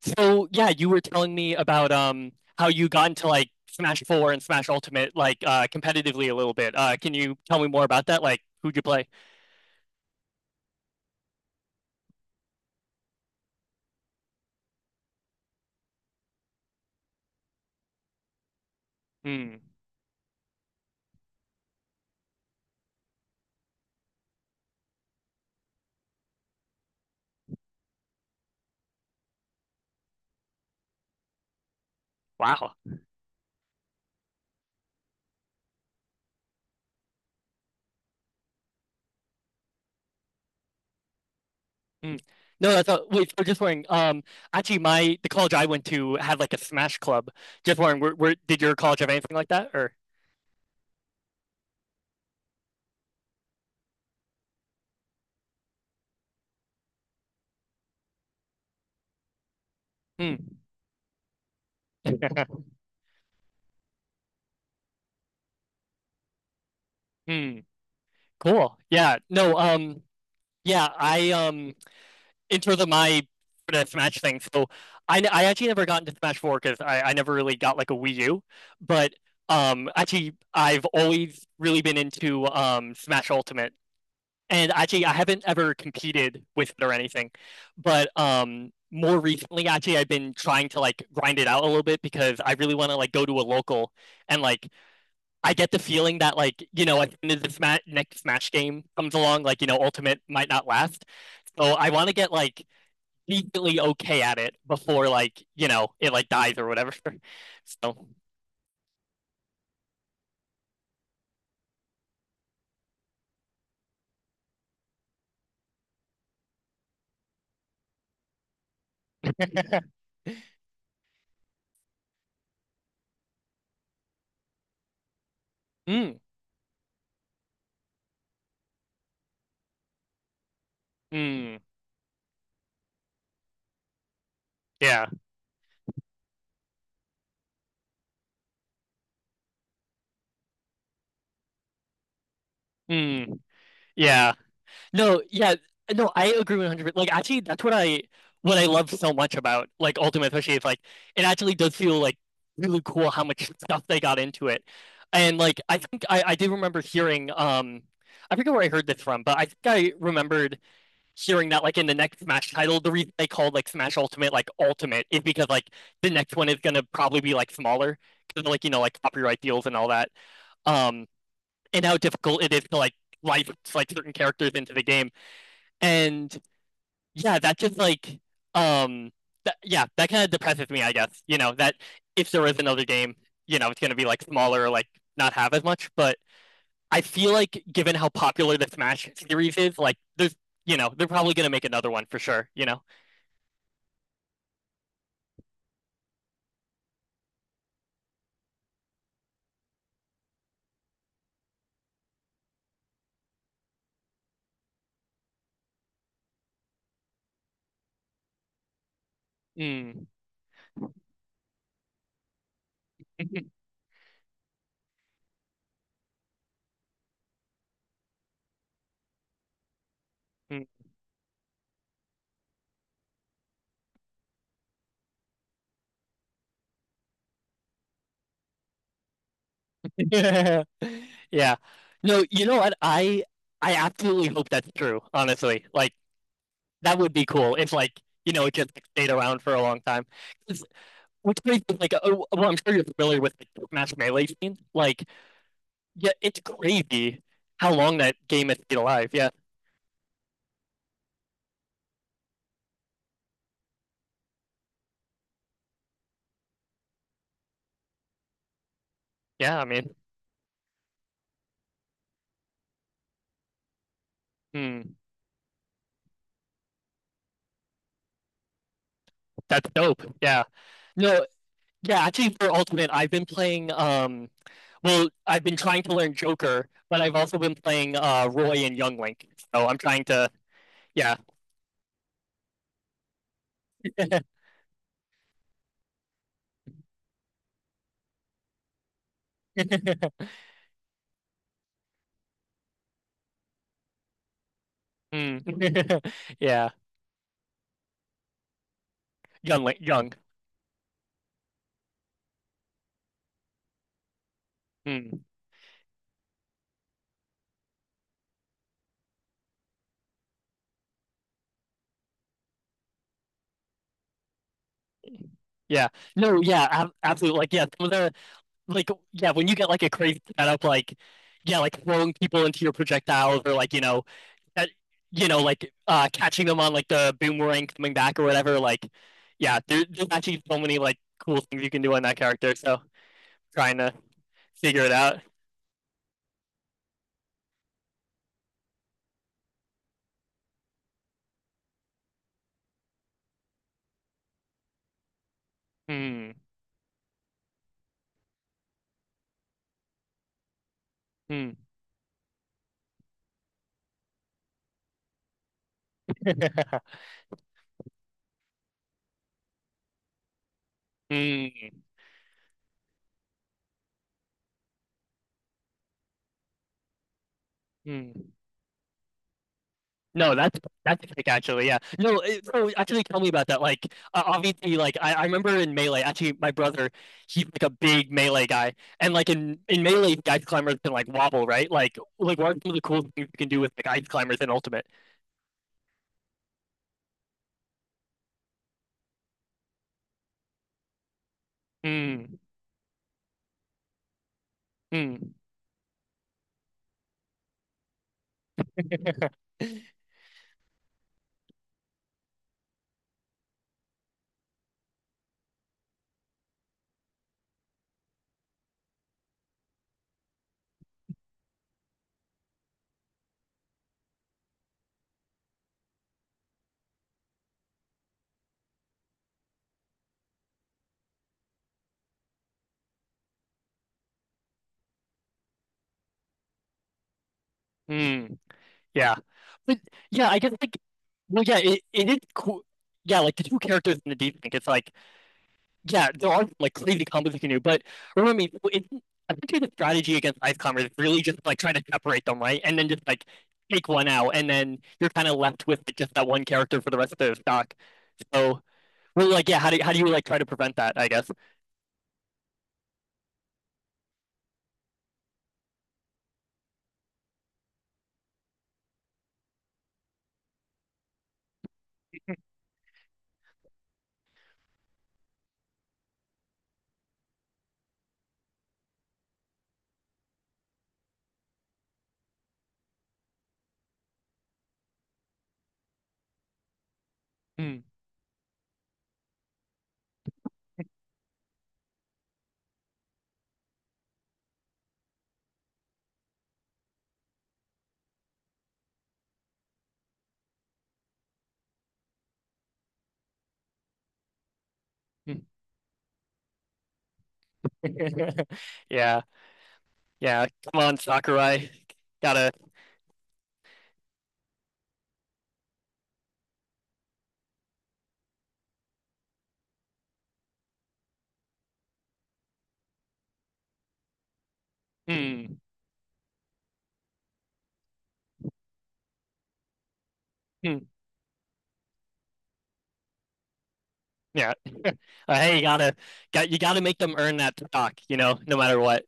So yeah, you were telling me about how you got into like Smash 4 and Smash Ultimate like competitively a little bit. Can you tell me more about that? Like who'd you play? Hmm. Wow. Hmm. No, that's all. Wait, so just wondering. Actually, my the college I went to had like a Smash club. Just wondering, where did your college have anything like that? Or hmm, hmm, cool. Yeah. No. Yeah. I into the my deathmatch thing. So I actually never got into Smash Four because I never really got like a Wii U. But actually, I've always really been into Smash Ultimate, and actually, I haven't ever competed with it or anything. But more recently, actually, I've been trying to like grind it out a little bit because I really want to like go to a local and like I get the feeling that like you know as soon as the next Smash game comes along, like you know Ultimate might not last. So I want to get like decently okay at it before like you know it like dies or whatever. So, mm, mm, yeah, mm, yeah. No, yeah, no, I agree 100% percent. Like actually, that's what I love so much about like Ultimate, especially is like it actually does feel like really cool how much stuff they got into it, and like I think I do remember hearing I forget where I heard this from, but I think I remembered hearing that like in the next Smash title, the reason they called like Smash Ultimate like Ultimate is because like the next one is gonna probably be like smaller because like you know like copyright deals and all that. Um, and how difficult it is to like license like certain characters into the game, and yeah, that just like um, yeah, that kind of depresses me, I guess. You know that if there is another game, you know it's gonna be like smaller, like not have as much, but. I feel like, given how popular the Smash series is, like you know, they're probably gonna make another one for sure, you know. Mm. Yeah. No, you know what? I absolutely hope that's true, honestly. Like that would be cool if like, you know, it just like stayed around for a long time. 'Cause- Which makes it like oh, well, I'm sure you're familiar with like Smash Melee scene. Like, yeah, it's crazy how long that game has been alive. Yeah. Yeah, I mean, hmm, that's dope. Yeah. No, yeah, actually for Ultimate, I've been playing well, I've been trying to learn Joker, but I've also been playing Roy and Young Link. So I'm trying to, yeah. Hmm. Yeah. Young Link, Young. Hmm. Yeah. No, yeah, ab absolutely. Yeah, some of like, yeah, when you get like a crazy setup, like, yeah, like throwing people into your projectiles or like, you know, that, you know, like catching them on like the boomerang coming back or whatever. Like, yeah, there's actually so many like cool things you can do on that character. So trying to figure it out. Hmm. Mm. Mm. Mm. No, that's sick actually. Yeah. No, so actually tell me about that. Like obviously like I remember in Melee, actually my brother, he's like a big Melee guy. And like in Melee, ice climbers can like wobble, right? Like what are some of the cool things you can do with like ice climbers in Ultimate? Mm. Mm. Mm. Yeah. But yeah, I guess like well yeah, it is cool. Yeah, like the two characters in the deep think it's like yeah, there are like crazy combos you can do, but remember me, I think the strategy against ice climbers is really just like trying to separate them, right? And then just like take one out, and then you're kind of left with like, just that one character for the rest of the stock. So really, like, yeah, how do you like try to prevent that? I guess. Hmm. Yeah, yeah. Come on, Sakurai. Gotta. Hmm. Hmm. Yeah. Hey, got you gotta make them earn that stock, you know, no matter what.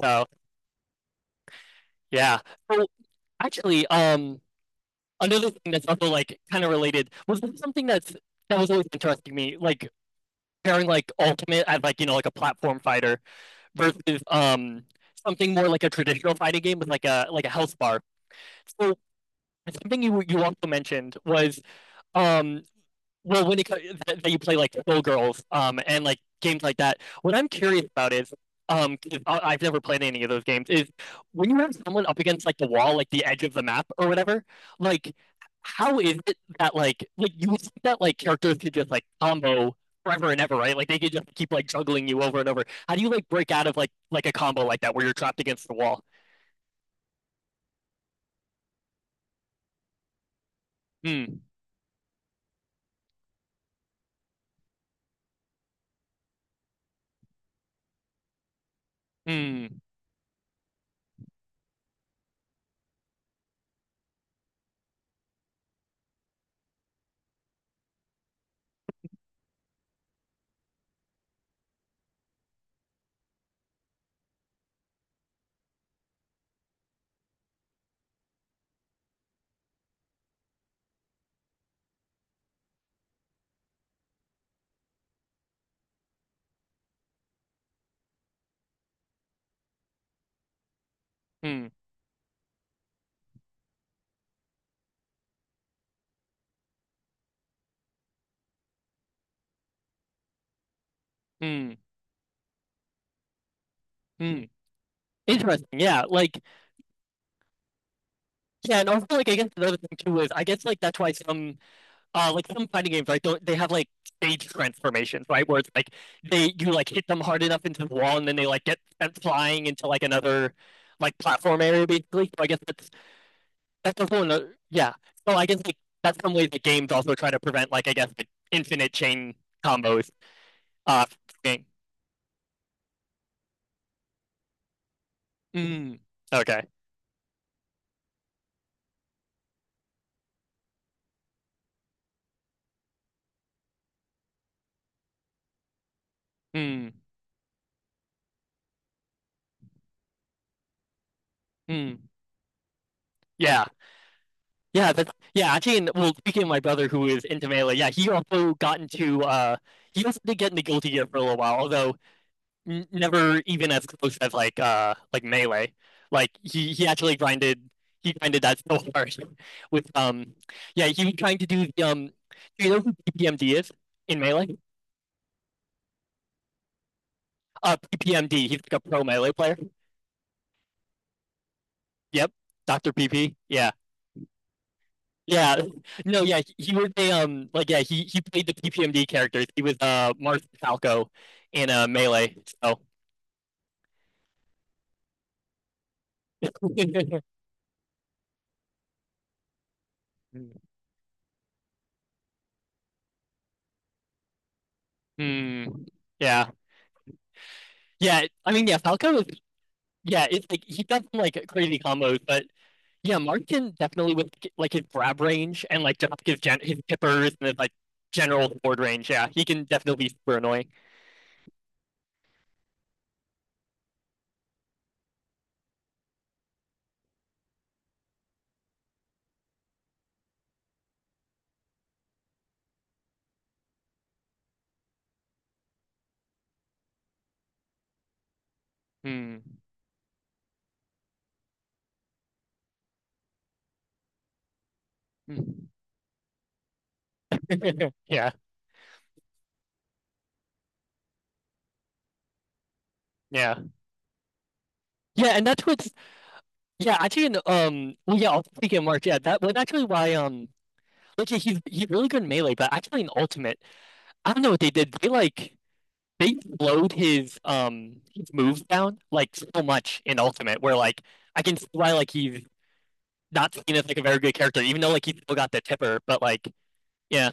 So yeah. So actually, another thing that's also like kind of related was something that's that was always interesting to me, like pairing like Ultimate as like you know like a platform fighter versus something more like a traditional fighting game with like a health bar. So something you also mentioned was um well, when it co- that you play like Skull Girls, and like games like that. What I'm curious about is, 'cause I've never played any of those games. Is when you have someone up against like the wall, like the edge of the map or whatever, like how is it that like you would think that like characters could just like combo forever and ever, right? Like they could just keep like juggling you over and over. How do you like break out of like a combo like that where you're trapped against the wall? Hmm. Hmm. Hmm. Hmm. Hmm. Interesting. Yeah. Like. Yeah, and also like I guess another thing too is I guess like that's why some like some fighting games right don't they have like stage transformations right where it's like they you like hit them hard enough into the wall and then they like get sent flying into like another like platform area basically so I guess that's also another yeah so I guess like that's some way the games also try to prevent like I guess like infinite chain combos uh game. Mm, okay mm, mm, yeah yeah, that's yeah, actually and well speaking of my brother who is into melee, yeah, he also got into he also did get into Guilty Gear for a little while, although n never even as close as like melee. Like he actually grinded he grinded that so hard with yeah, he was trying to do the do you know who PPMD is in melee? PPMD, he's like a pro melee player. Yep. Dr. PP. Yeah. Yeah, no, yeah, he was a like yeah he played the PPMD characters. He was Mars Falco in Melee. So, hmm, yeah, yeah. I mean, yeah, Falco is yeah. It's like he does some like crazy combos, but yeah, Marth can definitely with like his grab range and like just his tippers and his like general board range. Yeah, he can definitely be super annoying. Hmm. Hmm. Yeah, yeah, yeah, and that's what's yeah, actually, in, well, yeah, I'll take it, Mark. Yeah, that was actually why, like, yeah, he's really good in melee, but actually in ultimate, I don't know what they did. They slowed his moves down like so much in ultimate, where like I can see why like he's not seen as like a very good character, even though like he still got the tipper, but like yeah,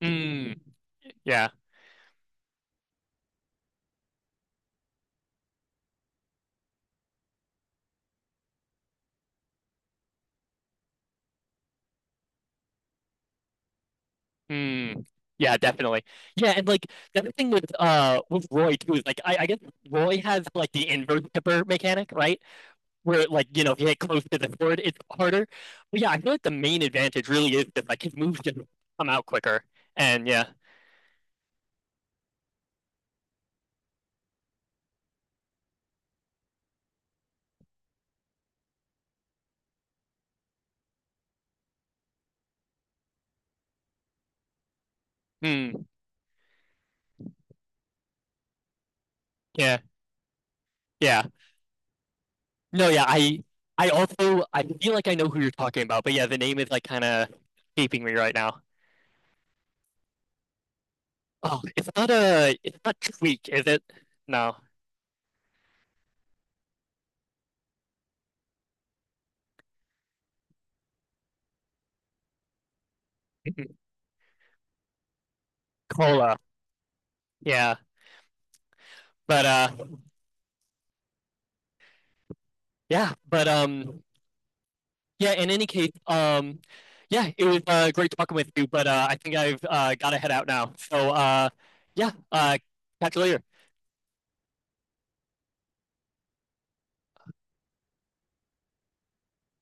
mm, yeah, mm, yeah, definitely, yeah, and like the other thing with Roy too is like I guess Roy has like the inverse tipper mechanic, right? Where like you know if you hit close to the board, it's harder. But yeah, I feel like the main advantage really is that like his moves just come out quicker. And yeah, hmm, yeah, yeah. No, yeah, I also I feel like I know who you're talking about, but yeah, the name is like kind of escaping me right now. Oh, it's not Tweak, is it? No, Cola. Yeah, but yeah, but yeah, in any case, yeah, it was great talking with you, but I think I've got to head out now. So yeah, catch you later.